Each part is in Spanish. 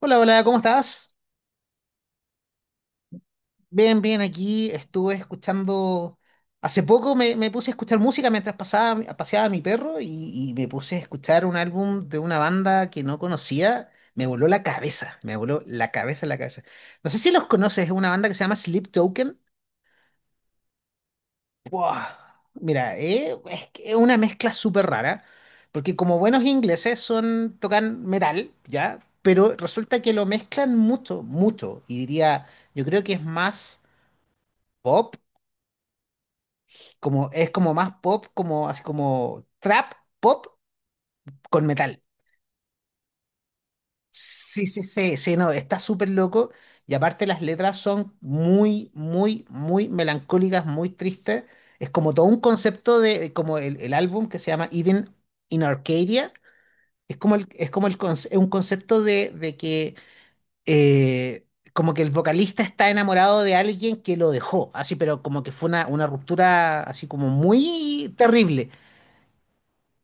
Hola, hola, ¿cómo estás? Bien, bien, aquí estuve escuchando, hace poco me puse a escuchar música mientras paseaba a mi perro y me puse a escuchar un álbum de una banda que no conocía, me voló la cabeza, me voló la cabeza, la cabeza. No sé si los conoces, es una banda que se llama Sleep Token. ¡Wow! Mira, es que es una mezcla súper rara, porque como buenos ingleses son, tocan metal, ¿ya? Pero resulta que lo mezclan mucho, mucho, yo creo que es más pop, es como más pop, como así como trap pop con metal. Sí, sí, sí, sí, no, está súper loco. Y aparte las letras son muy, muy, muy melancólicas, muy tristes. Es como todo un concepto de, como el álbum que se llama Even in Arcadia. Es como el, es como un concepto de que eh, como que el vocalista está enamorado de alguien que lo dejó, así, pero como que fue una ruptura así como muy terrible.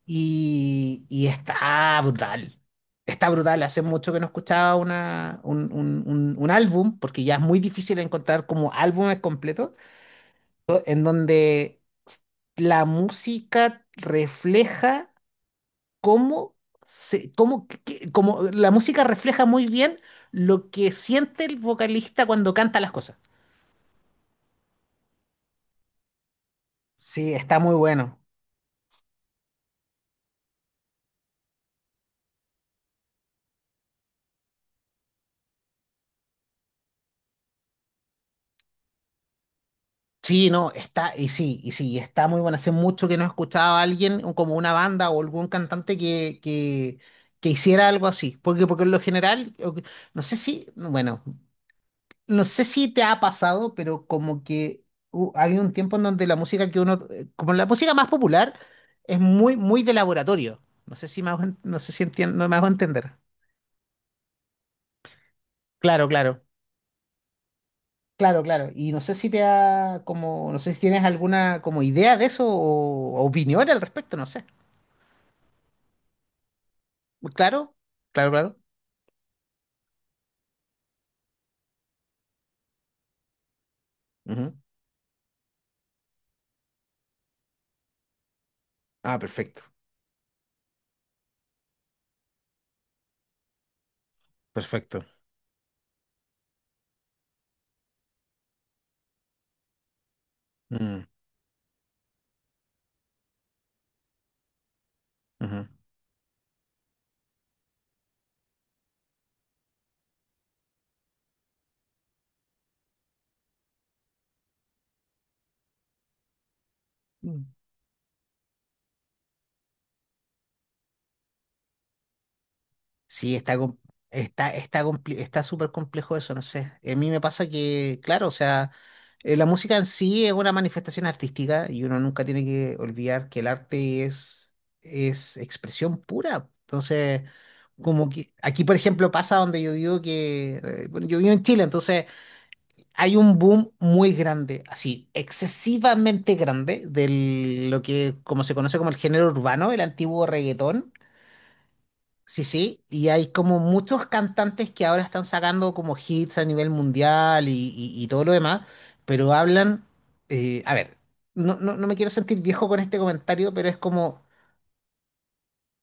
Y está brutal. Está brutal. Hace mucho que no escuchaba una, un álbum, porque ya es muy difícil encontrar como álbumes completos, en donde la música refleja cómo la música refleja muy bien lo que siente el vocalista cuando canta las cosas. Sí, está muy bueno. Sí, no, está, y sí, está muy bueno. Hace mucho que no escuchaba a alguien, o como una banda o algún cantante que hiciera algo así. Porque, porque en lo general, no sé si, bueno, no sé si te ha pasado, pero como que ha un tiempo en donde la música que uno, como la música más popular, es muy, muy de laboratorio. No sé si me hago no sé si entiendo, me hago entender. Claro, claro. Claro, claro. Y no sé si te ha, como, no sé si tienes alguna como idea de eso o opinión al respecto, no sé. Claro, claro, claro. Ujú. Ah, perfecto, perfecto. Mm, ujú. Mm. Sí, está, está, está, está súper complejo eso, no sé. A mí me pasa que, claro, o sea, la música en sí es una manifestación artística y uno nunca tiene que olvidar que el arte es expresión pura. Entonces, como que aquí, por ejemplo, pasa donde yo digo que, bueno, yo vivo en Chile, entonces hay un boom muy grande, así, excesivamente grande, de lo que como se conoce como el género urbano, el antiguo reggaetón. Sí, sí, y hay como muchos cantantes que ahora están sacando como hits a nivel mundial y todo lo demás, pero hablan, a ver, no, no, no me quiero sentir viejo con este comentario, pero es como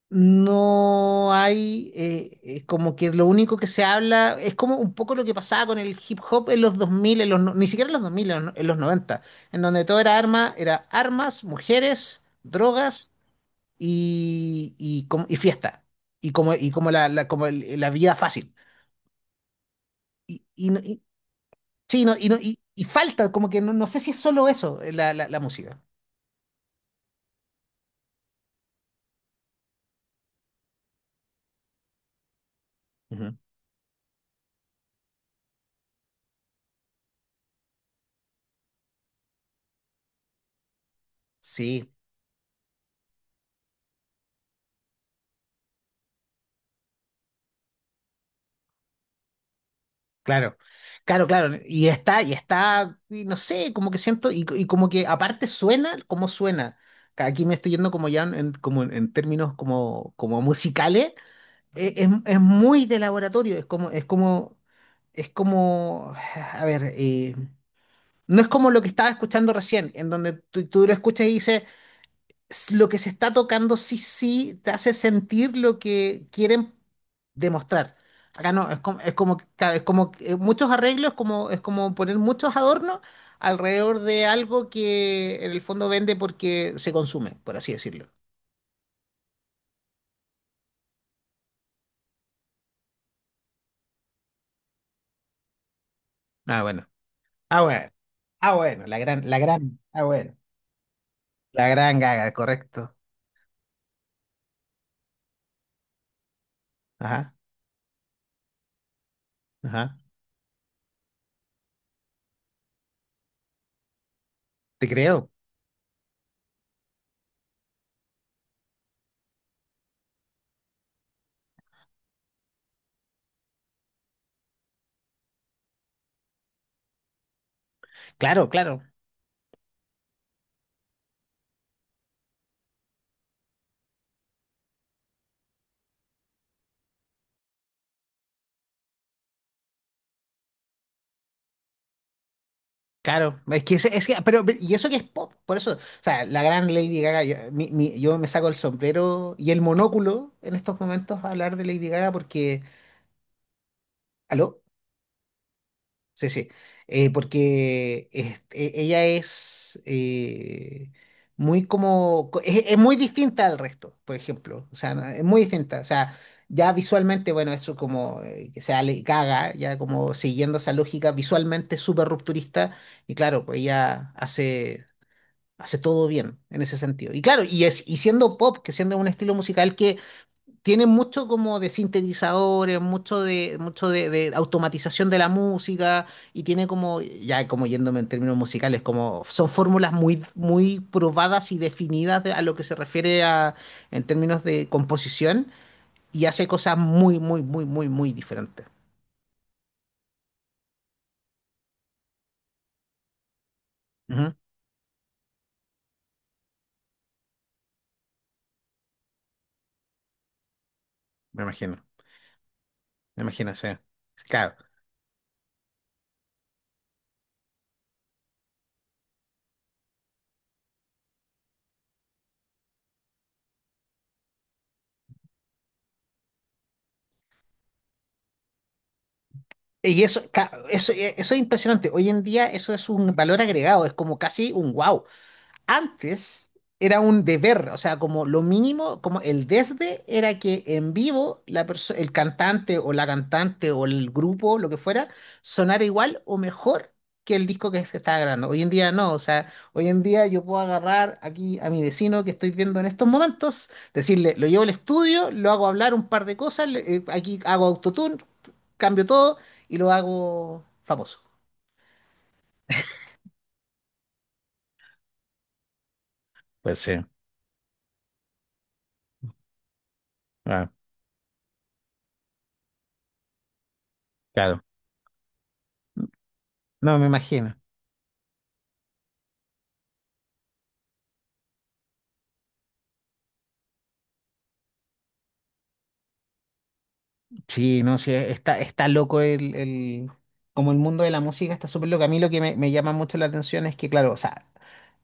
no hay, como que lo único que se habla es como un poco lo que pasaba con el hip hop en los 2000 en los, ni siquiera en los 2000, en los, no, en los 90 en donde todo era arma, era armas, mujeres, drogas y fiesta, y como, como la vida fácil. Y, sí, no, y falta, como que no, no sé si es solo eso, la música. Ujú. Sí, claro, claro, claro. Y está, y está, y no sé, como que siento, y como que aparte suena como suena. Aquí me estoy yendo como ya en, como en términos como, como musicales. Es muy de laboratorio, es como, es como, es como, a ver, no es como lo que estaba escuchando recién, en donde tú lo escuchas y dices, lo que se está tocando sí, sí te hace sentir lo que quieren demostrar. Acá no, es como, claro, es como que, muchos arreglos, como, es como poner muchos adornos alrededor de algo que en el fondo vende porque se consume, por así decirlo. Ah, bueno. Ah, bueno. Ah, bueno, la gran, ah, bueno. La gran Gaga, correcto. Ajá, ajá. Te creo. Claro, claro. Claro, es que, pero, y eso que es pop, por eso, o sea, la gran Lady Gaga, yo, yo me saco el sombrero y el monóculo en estos momentos a hablar de Lady Gaga porque, aló, sí, sí, porque este, ella es muy como, es muy distinta al resto, por ejemplo, o sea, no, es muy distinta, o sea, ya visualmente, bueno, eso como, que sea Lady Gaga, ya como siguiendo esa lógica visualmente súper rupturista, y claro, pues ella hace. Hace todo bien en ese sentido. Y claro, y, es, y siendo pop, que siendo un estilo musical que tiene mucho como de sintetizadores, mucho de automatización de la música, y tiene como, ya como yéndome en términos musicales, como son fórmulas muy, muy probadas y definidas a lo que se refiere a, en términos de composición, y hace cosas muy, muy, muy, muy, muy diferentes. Ujú, me imagino, me imagino, sí. Claro. Y eso, eso, eso es impresionante. Hoy en día eso es un valor agregado, es como casi un wow. Antes era un deber, o sea, como lo mínimo, como el desde era que en vivo el cantante o la cantante o el grupo, lo que fuera, sonara igual o mejor que el disco que se estaba grabando. Hoy en día no, o sea, hoy en día yo puedo agarrar aquí a mi vecino que estoy viendo en estos momentos, decirle, lo llevo al estudio, lo hago hablar un par de cosas, aquí hago autotune, cambio todo y lo hago famoso. Pues sí, ah, claro. No, me imagino. Sí, no, sí, está, está loco como el mundo de la música está súper loco. A mí lo que me llama mucho la atención es que, claro, o sea,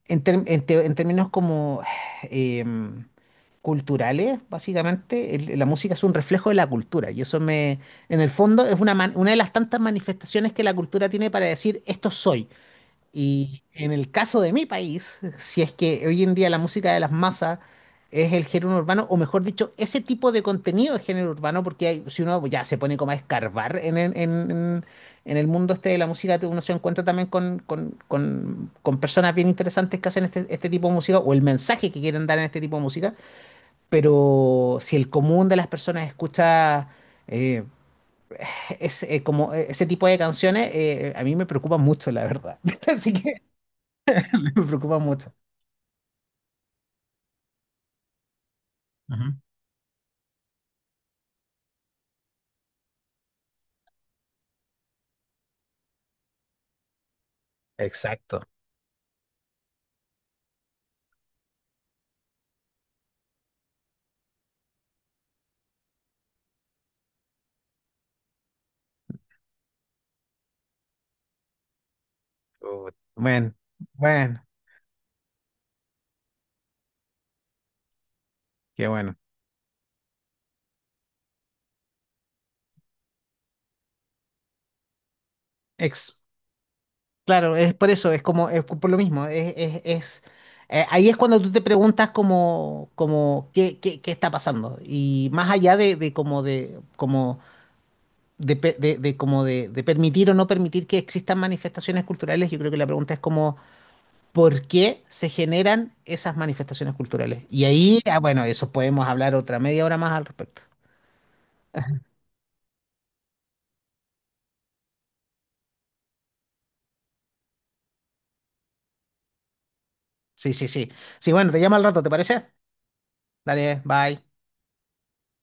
en, en términos como em, culturales, básicamente, la música es un reflejo de la cultura. Y eso me, en el fondo, es una de las tantas manifestaciones que la cultura tiene para decir, esto soy. Y en el caso de mi país, si es que hoy en día la música de las masas es el género urbano, o mejor dicho, ese tipo de contenido es género urbano, porque si uno ya se pone como a escarbar en, en el mundo este de la música, uno se encuentra también con personas bien interesantes que hacen este tipo de música, o el mensaje que quieren dar en este tipo de música, pero si el común de las personas escucha... eh, como ese tipo de canciones a mí me preocupa mucho, la verdad. Así que me preocupa mucho. Ujú. Exacto. Bueno, bueno, qué bueno. Ex, claro, es por eso, es como, es por lo mismo, ahí es cuando tú te preguntas como, como qué, qué, qué está pasando. Y más allá de como de, como de, pe- de como de permitir o no permitir que existan manifestaciones culturales, yo creo que la pregunta es como, ¿por qué se generan esas manifestaciones culturales? Y ahí, ah, bueno, eso podemos hablar otra media hora más al respecto. Sí, sí, sí. Sí, bueno, te llamo al rato, ¿te parece? Dale, bye.